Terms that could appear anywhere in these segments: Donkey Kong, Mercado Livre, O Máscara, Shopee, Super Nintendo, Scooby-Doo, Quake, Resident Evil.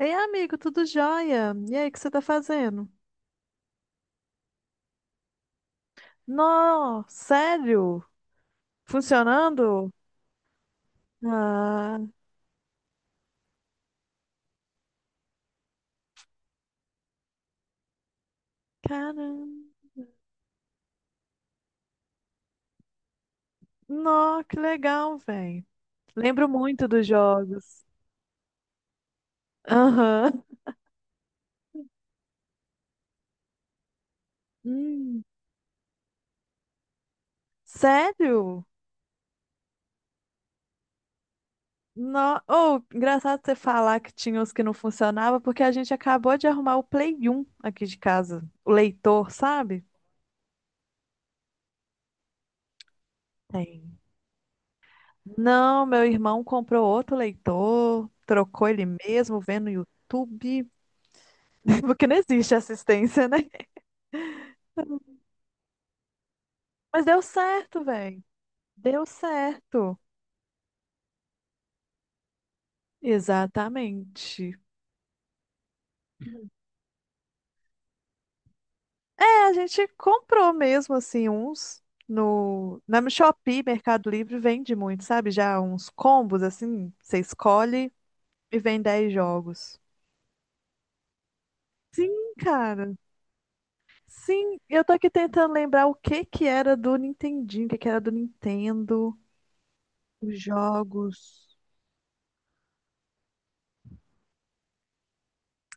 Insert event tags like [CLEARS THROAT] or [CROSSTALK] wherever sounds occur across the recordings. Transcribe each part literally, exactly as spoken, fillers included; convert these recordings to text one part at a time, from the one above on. Ei, amigo, tudo jóia? E aí, o que você tá fazendo? Nó, sério? Funcionando? Ah, caramba. Nó, que legal, velho. Lembro muito dos jogos. Aham. Hum, sério? Nó, oh, engraçado você falar que tinha os que não funcionavam, porque a gente acabou de arrumar o Play um aqui de casa. O leitor, sabe? Tem. Não, meu irmão comprou outro leitor, trocou ele mesmo, vendo no YouTube. Porque não existe assistência, né? Mas deu certo, velho. Deu certo. Exatamente. É, a gente comprou mesmo, assim, uns no... Na Shopee, Mercado Livre, vende muito, sabe? Já uns combos, assim, você escolhe e vem dez jogos. Sim, cara. Sim, eu tô aqui tentando lembrar o que que era do Nintendinho, o que que era do Nintendo, os jogos.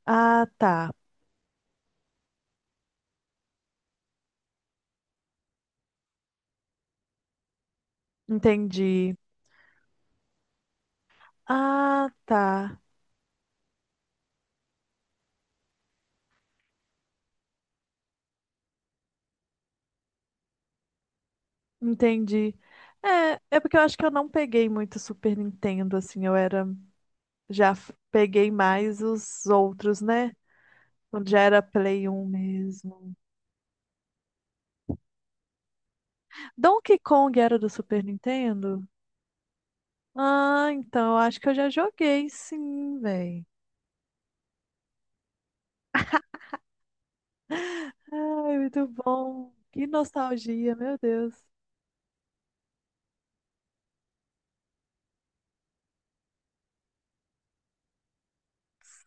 Ah, tá. Entendi. Ah, tá. Entendi. É, é porque eu acho que eu não peguei muito Super Nintendo, assim, eu era, já f- peguei mais os outros, né? Quando já era Play um mesmo. Donkey Kong era do Super Nintendo? Ah, então eu acho que eu já joguei, sim, velho. Ai, muito bom. Que nostalgia, meu Deus.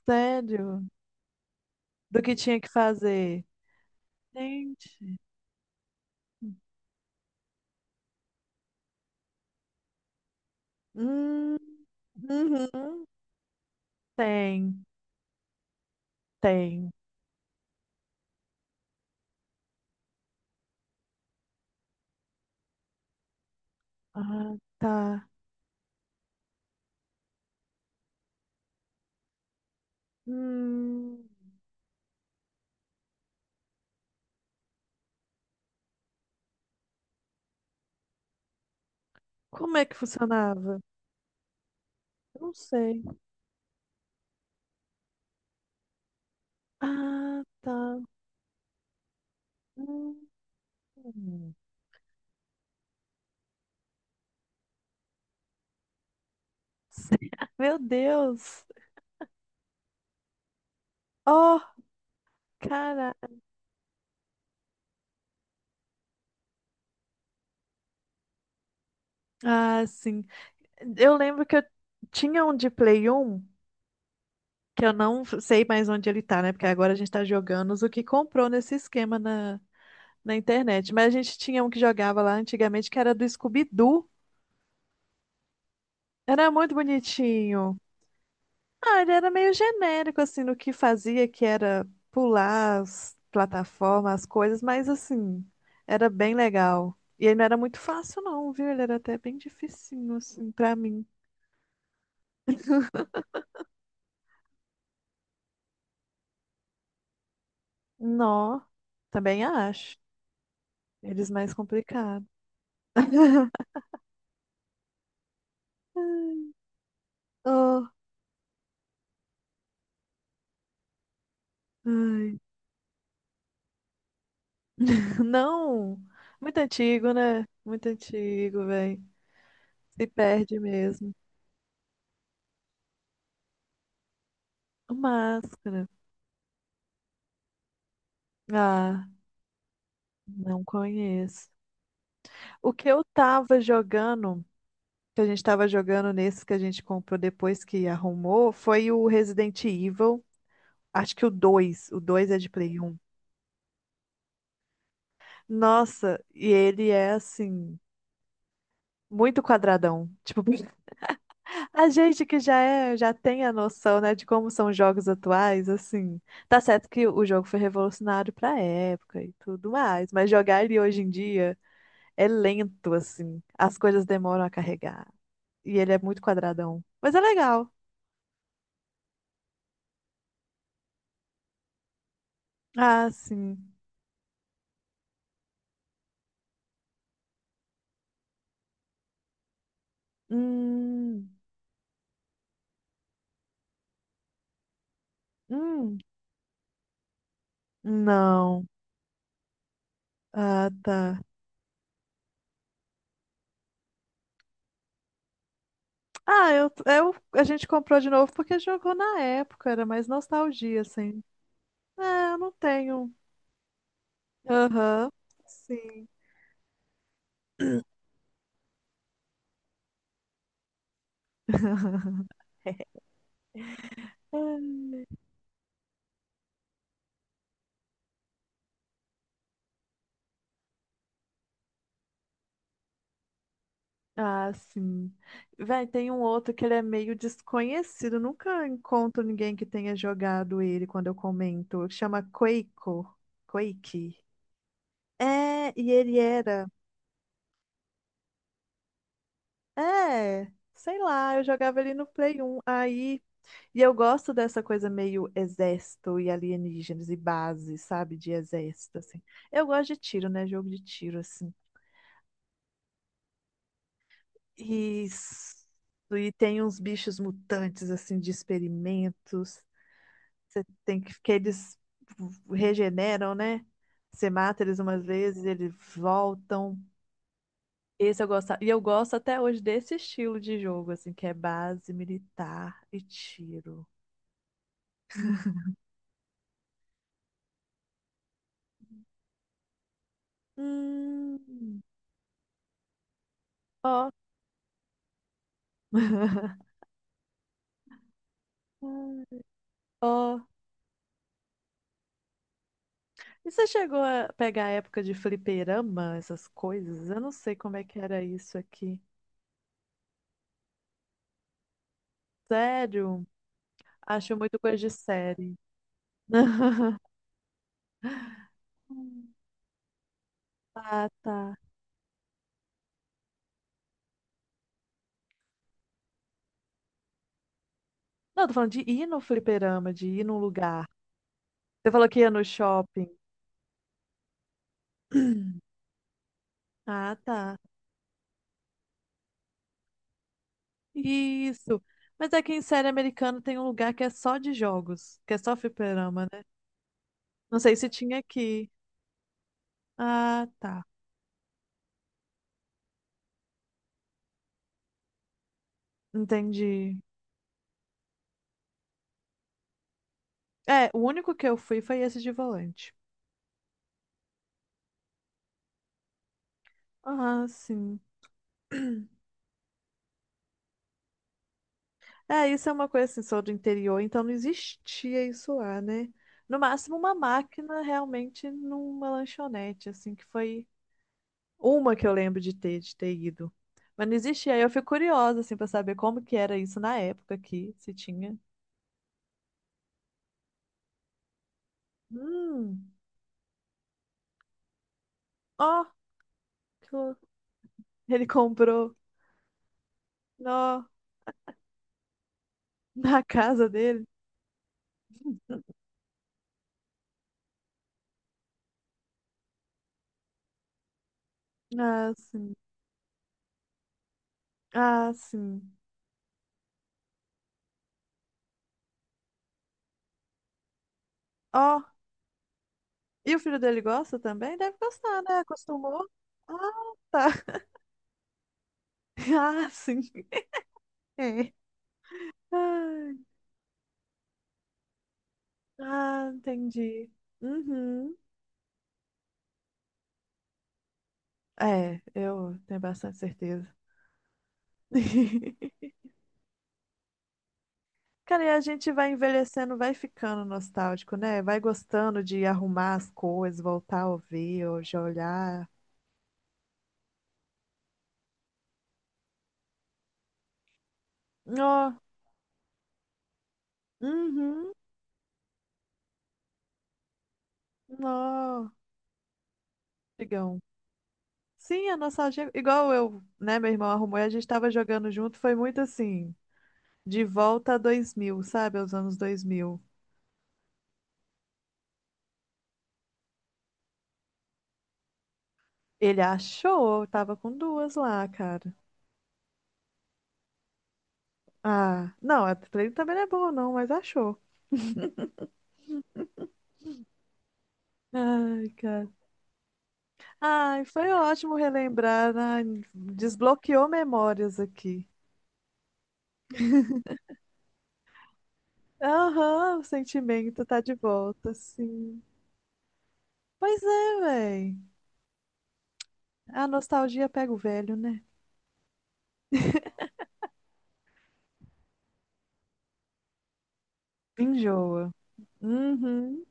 Sério? Do que tinha que fazer? Gente. Hum, uhum. Tem, tem. Ah, tá. Hum, Como é que funcionava? Eu Não sei. Ah, tá. Hum, Sei. [LAUGHS] Meu Deus. Oh, cara. Ah, sim. Eu lembro que eu tinha um de Play um que eu não sei mais onde ele tá, né? Porque agora a gente tá jogando os o que comprou nesse esquema na, na internet. Mas a gente tinha um que jogava lá antigamente, que era do Scooby-Doo. Era muito bonitinho. Ah, ele era meio genérico, assim, no que fazia, que era pular as plataformas, as coisas, mas, assim, era bem legal. E ele não era muito fácil, não, viu? Ele era até bem dificinho, assim, pra mim. Nó, também acho. Eles mais complicados. [LAUGHS] Oh, ai. Não, muito antigo, né? Muito antigo, velho. Se perde mesmo. O Máscara. Ah, não conheço. O que eu tava jogando. Que a gente estava jogando nesse que a gente comprou depois que arrumou foi o Resident Evil, acho que o dois o dois é de Play um. Nossa, e ele é assim, muito quadradão. Tipo, a gente que já é, já tem a noção, né, de como são os jogos atuais, assim. Tá certo que o jogo foi revolucionário pra época e tudo mais, mas jogar ele hoje em dia é lento, assim. As coisas demoram a carregar. E ele é muito quadradão. Mas é legal. Ah, sim. Hum, Hum, não. Ah, tá. Ah, eu, eu, a gente comprou de novo porque jogou na época, era mais nostalgia, assim. É, eu não tenho. Aham, sim. [LAUGHS] Ah, sim. Véi, tem um outro que ele é meio desconhecido. Nunca encontro ninguém que tenha jogado ele quando eu comento. Chama Quaco. Quake. É, e ele era. É, sei lá, eu jogava ele no Play um. Aí e eu gosto dessa coisa meio exército e alienígenas e base, sabe? De exército, assim. Eu gosto de tiro, né? Jogo de tiro, assim. E, e tem uns bichos mutantes, assim, de experimentos. Você tem que... que eles regeneram, né? Você mata eles umas vezes, eles voltam. Esse eu gosto. E eu gosto até hoje desse estilo de jogo, assim, que é base, militar e tiro. Hum, ó. [LAUGHS] Ó. E você chegou a pegar a época de fliperama, essas coisas? Eu não sei como é que era isso aqui. Sério? Acho muito coisa de série. [LAUGHS] Ah, tá. Não, tô falando de ir no fliperama, de ir num lugar. Você falou que ia no shopping. [CLEARS THROAT] Ah, tá. Isso. Mas aqui em série americana tem um lugar que é só de jogos, que é só fliperama, né? Não sei se tinha aqui. Ah, tá. Entendi. É, o único que eu fui foi esse de volante. Ah, sim. É, isso é uma coisa assim, sou do interior, então não existia isso lá, né? No máximo uma máquina realmente numa lanchonete, assim, que foi uma que eu lembro de ter, de ter ido. Mas não existia, aí eu fico curiosa, assim, pra saber como que era isso na época aqui, se tinha. Hum, ó, que lou- Ele comprou, ó, [LAUGHS] na casa dele. Ah, sim, ah, sim. Ó, e o filho dele gosta também? Deve gostar, né? Acostumou. Ah, tá. [LAUGHS] Ah, sim. É. Ai, ah, entendi. Uhum. É, eu tenho bastante certeza. [LAUGHS] Cara, e a gente vai envelhecendo, vai ficando nostálgico, né? Vai gostando de arrumar as coisas, voltar a ouvir, ou já olhar. Ó, uhum, ó, digão. Sim, a nostalgia, igual eu, né? Meu irmão arrumou e a gente tava jogando junto, foi muito assim, de volta a dois mil, sabe? Aos anos dois mil. Ele achou, eu tava com duas lá, cara. Ah, não, a trailer também não é boa, não, mas achou. Ai, cara. Ai, foi ótimo relembrar. Ai, desbloqueou memórias aqui. Aham, o sentimento tá de volta, sim. Pois é, véi. A nostalgia pega o velho, né? Enjoa. Uhum.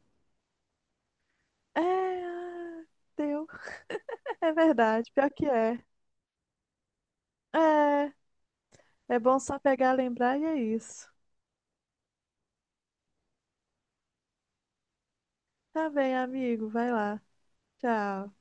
É, ah, deu. [LAUGHS] É verdade, pior que é. É, é bom só pegar, lembrar e é isso. Tá bem, amigo, vai lá. Tchau.